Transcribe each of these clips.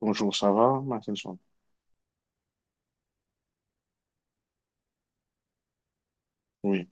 Bonjour, ça va, Martinson? Oui.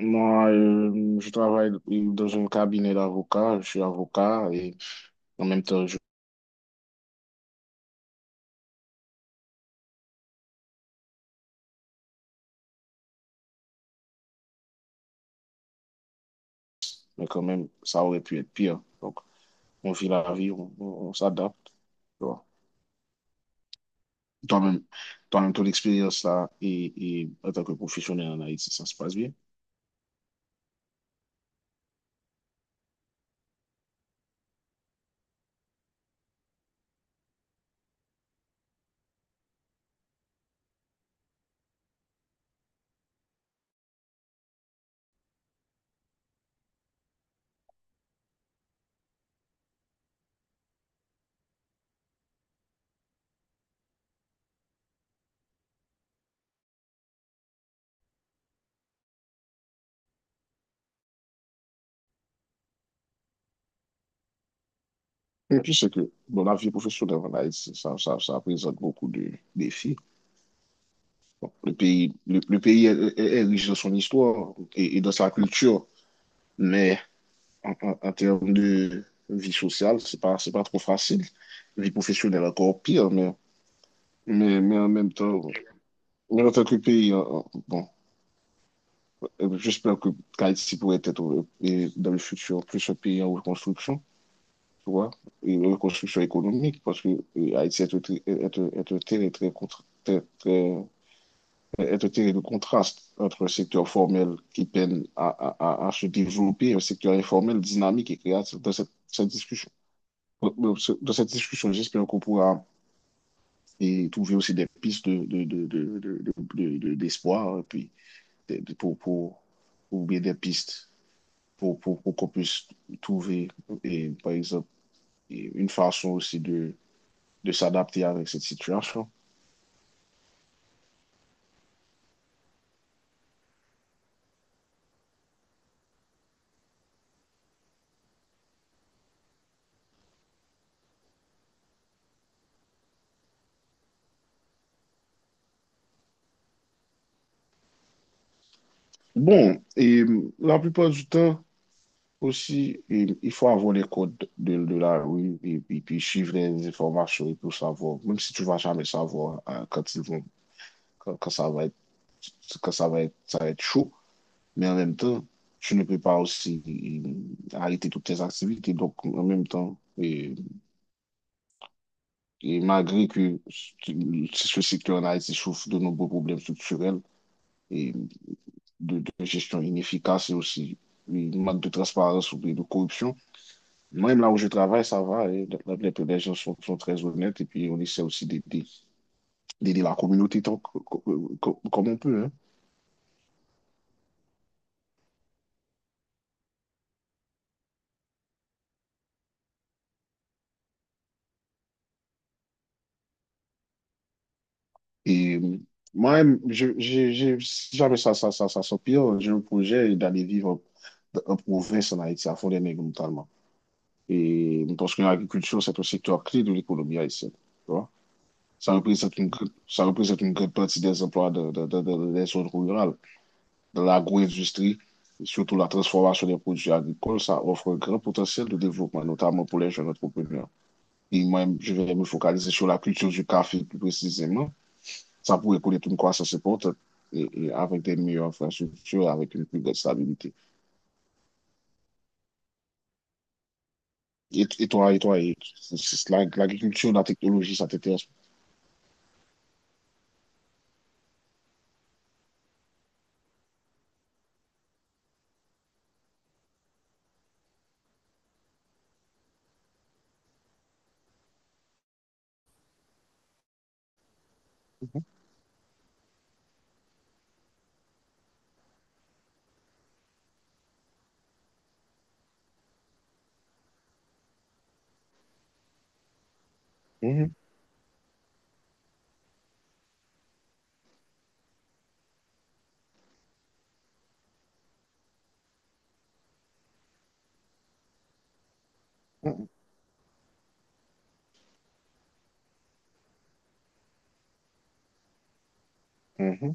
Moi, je travaille dans un cabinet d'avocats. Je suis avocat et en même temps, je... mais quand même, ça aurait pu être pire. Donc, on vit la vie, on s'adapte. Tu vois. Toi-même, toi-même, ton expérience là et en tant que professionnel en Haïti, ça se passe bien. Et puis, c'est que dans la vie professionnelle en Haïti, ça présente beaucoup de défis. Bon, le pays est riche dans son histoire et dans sa culture, mais en termes de vie sociale, c'est pas trop facile. Vie professionnelle, encore pire, mais en même temps, mais en tant que pays, bon, j'espère que Haïti pourrait être et dans le futur plus un pays en reconstruction, tu vois, et une reconstruction économique, parce que Haïti est un, tri- est un terrain très, contra- très, très- est un terrain de contraste entre un secteur formel qui peine à se développer et un secteur informel dynamique et créatif. Dans cette cette discussion, Bon, bon, ce- Dans cette discussion, j'espère qu'on pourra trouver aussi des pistes d'espoir, et puis des- des- pour, pour, ou bien des pistes pour qu'on puisse trouver, et, par exemple, et une façon aussi de s'adapter avec cette situation. Bon, et la plupart du temps aussi, et, il faut avoir les codes de la rue et, puis suivre les informations et tout savoir, même si tu vas jamais savoir hein, quand ils vont, quand ça va être, quand ça va être chaud. Mais en même temps, tu ne peux pas aussi arrêter toutes tes activités. Donc, en même temps, et malgré que ce secteur en Haïti souffre de nombreux problèmes structurels et de gestion inefficace et aussi une manque de transparence ou de corruption, même là où je travaille, ça va. Et les gens sont très honnêtes et puis on essaie aussi d'aider la communauté tant que- comme on peut, hein. Et moi, si jamais ça s'empire, j'ai un projet d'aller vivre en province en Haïti, à Fort-des-Nègres notamment. Et parce que l'agriculture, c'est un secteur clé de l'économie haïtienne. Tu vois? Ça représente une grande partie des emplois des zones rurales, de l'agro-industrie, surtout la transformation des produits agricoles, ça offre un grand potentiel de développement, notamment pour les jeunes entrepreneurs. Et moi, je vais me focaliser sur la culture du café plus précisément. Ça pourrait connaître une croissance importante et avec des meilleures infrastructures, avec une plus grande stabilité. Et toi, l'agriculture, la technologie, ça t'intéresse? Mhm, mhm, mhm.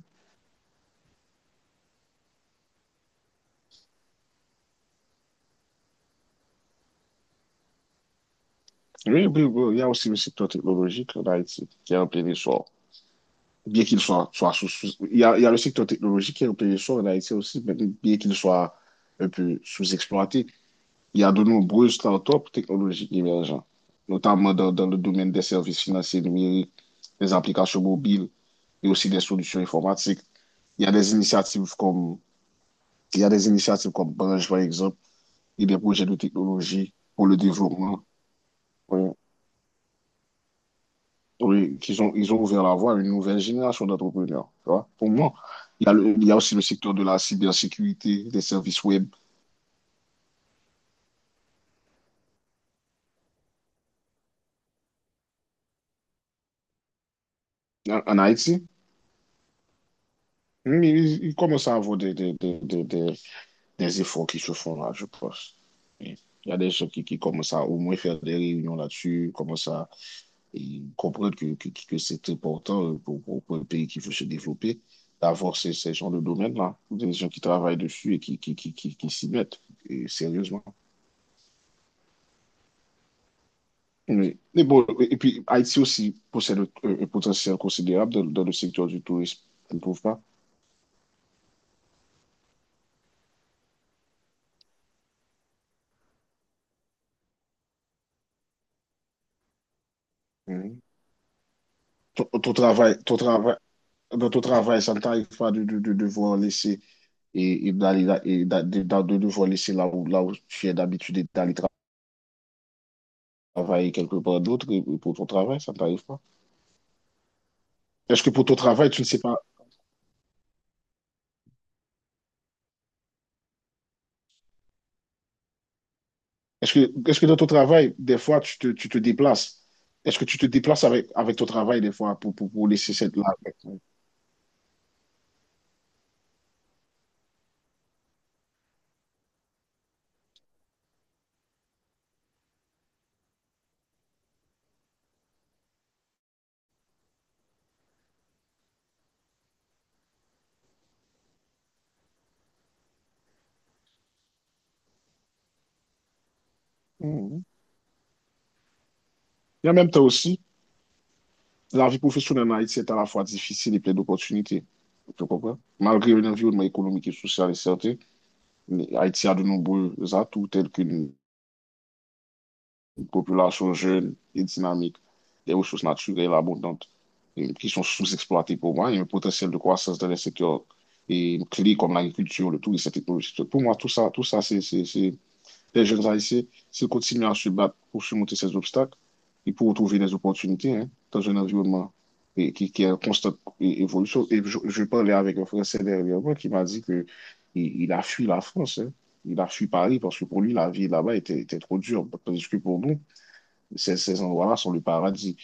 Oui, il y a aussi le secteur technologique en Haïti qui est en plein essor. Bien qu'il soit, soit sous, sous- il y a le secteur technologique qui est en plein essor en Haïti aussi, mais bien qu'il soit un peu sous-exploité. Il y a de nombreuses startups technologiques émergentes, notamment dans le domaine des services financiers numériques, des applications mobiles et aussi des solutions informatiques. Il y a des initiatives comme, il y a des initiatives comme Branch, par exemple, et des projets de technologie pour le développement. Oui. Oui, ils ont ouvert la voie à une nouvelle génération d'entrepreneurs. Tu vois. Pour moi, il y a aussi le secteur de la cybersécurité, des services web en, en Haïti. Ils, ils commencent à avoir des, des, des- des efforts qui se font là, je pense. Et il y a des gens qui commencent à au moins faire des réunions là-dessus, commencent à et comprendre que c'est important pour un pays qui veut se développer d'avoir ces gens de domaine-là, des gens qui travaillent dessus et qui s'y mettent, et sérieusement. Mais bon, et puis Haïti aussi possède un potentiel considérable dans le secteur du tourisme, tu ne trouves pas? Mhm. Ton travail, dans ton travail, ça ne t'arrive pas de devoir laisser et d'aller là- et d'a- de devoir laisser là où tu es d'habitude travailler quelque part d'autre et pour ton travail, ça ne t'arrive pas. Est-ce que pour ton travail, tu ne sais pas, est-ce que dans ton travail, des fois, tu te déplaces? Est-ce que tu te déplaces avec, avec ton travail des fois pour laisser cette là avec toi? Mhm. Et en même temps aussi, la vie professionnelle en Haïti est à la fois difficile et pleine d'opportunités. Tu comprends? Malgré un environnement économique et social incertain, Haïti a de nombreux atouts tels qu'une population jeune et dynamique, des ressources naturelles abondantes qui sont sous-exploitées pour moi, et un potentiel de croissance dans les secteurs et clés comme l'agriculture, le tourisme, la technologie. Pour moi, tout ça, les jeunes Haïtiens, s'ils continuent à se battre pour surmonter ces obstacles, et pour trouver des opportunités hein, dans un environnement et, qui est en constante évolution. Et je parlais avec un Français dernièrement qui m'a dit que il a fui la France, hein. Il a fui Paris parce que pour lui, la vie là-bas était, était trop dure. Tandis que pour nous, ces endroits-là sont le paradis.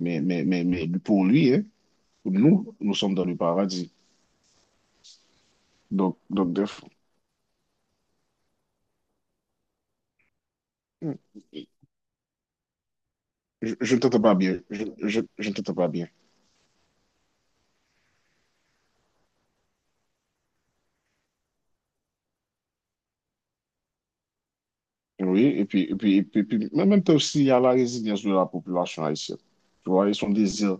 Mais pour lui, hein, nous, nous sommes dans le paradis. Donc, donc de- je ne t'entends pas bien. Je ne t'entends pas bien. Oui, et puis, mais en même temps aussi, il y a la résilience de la population haïtienne. Tu vois, et son désir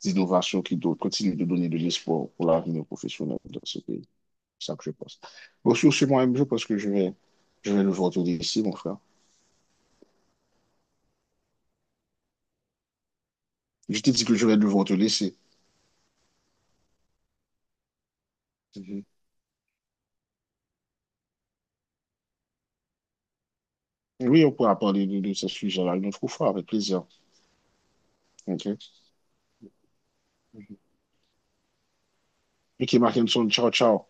d'innovation qui doit, continue de donner de l'espoir pour l'avenir professionnel dans ce pays. C'est ça que je pense. Bon, sur ce, moi-même, je pense que je vais devoir te laisser, mon frère. Je t'ai dit que je vais devoir te laisser. Oui, on pourra parler de ce sujet-là une autre fois, avec plaisir. OK? Mhm. Mickey Martinson, ciao, ciao.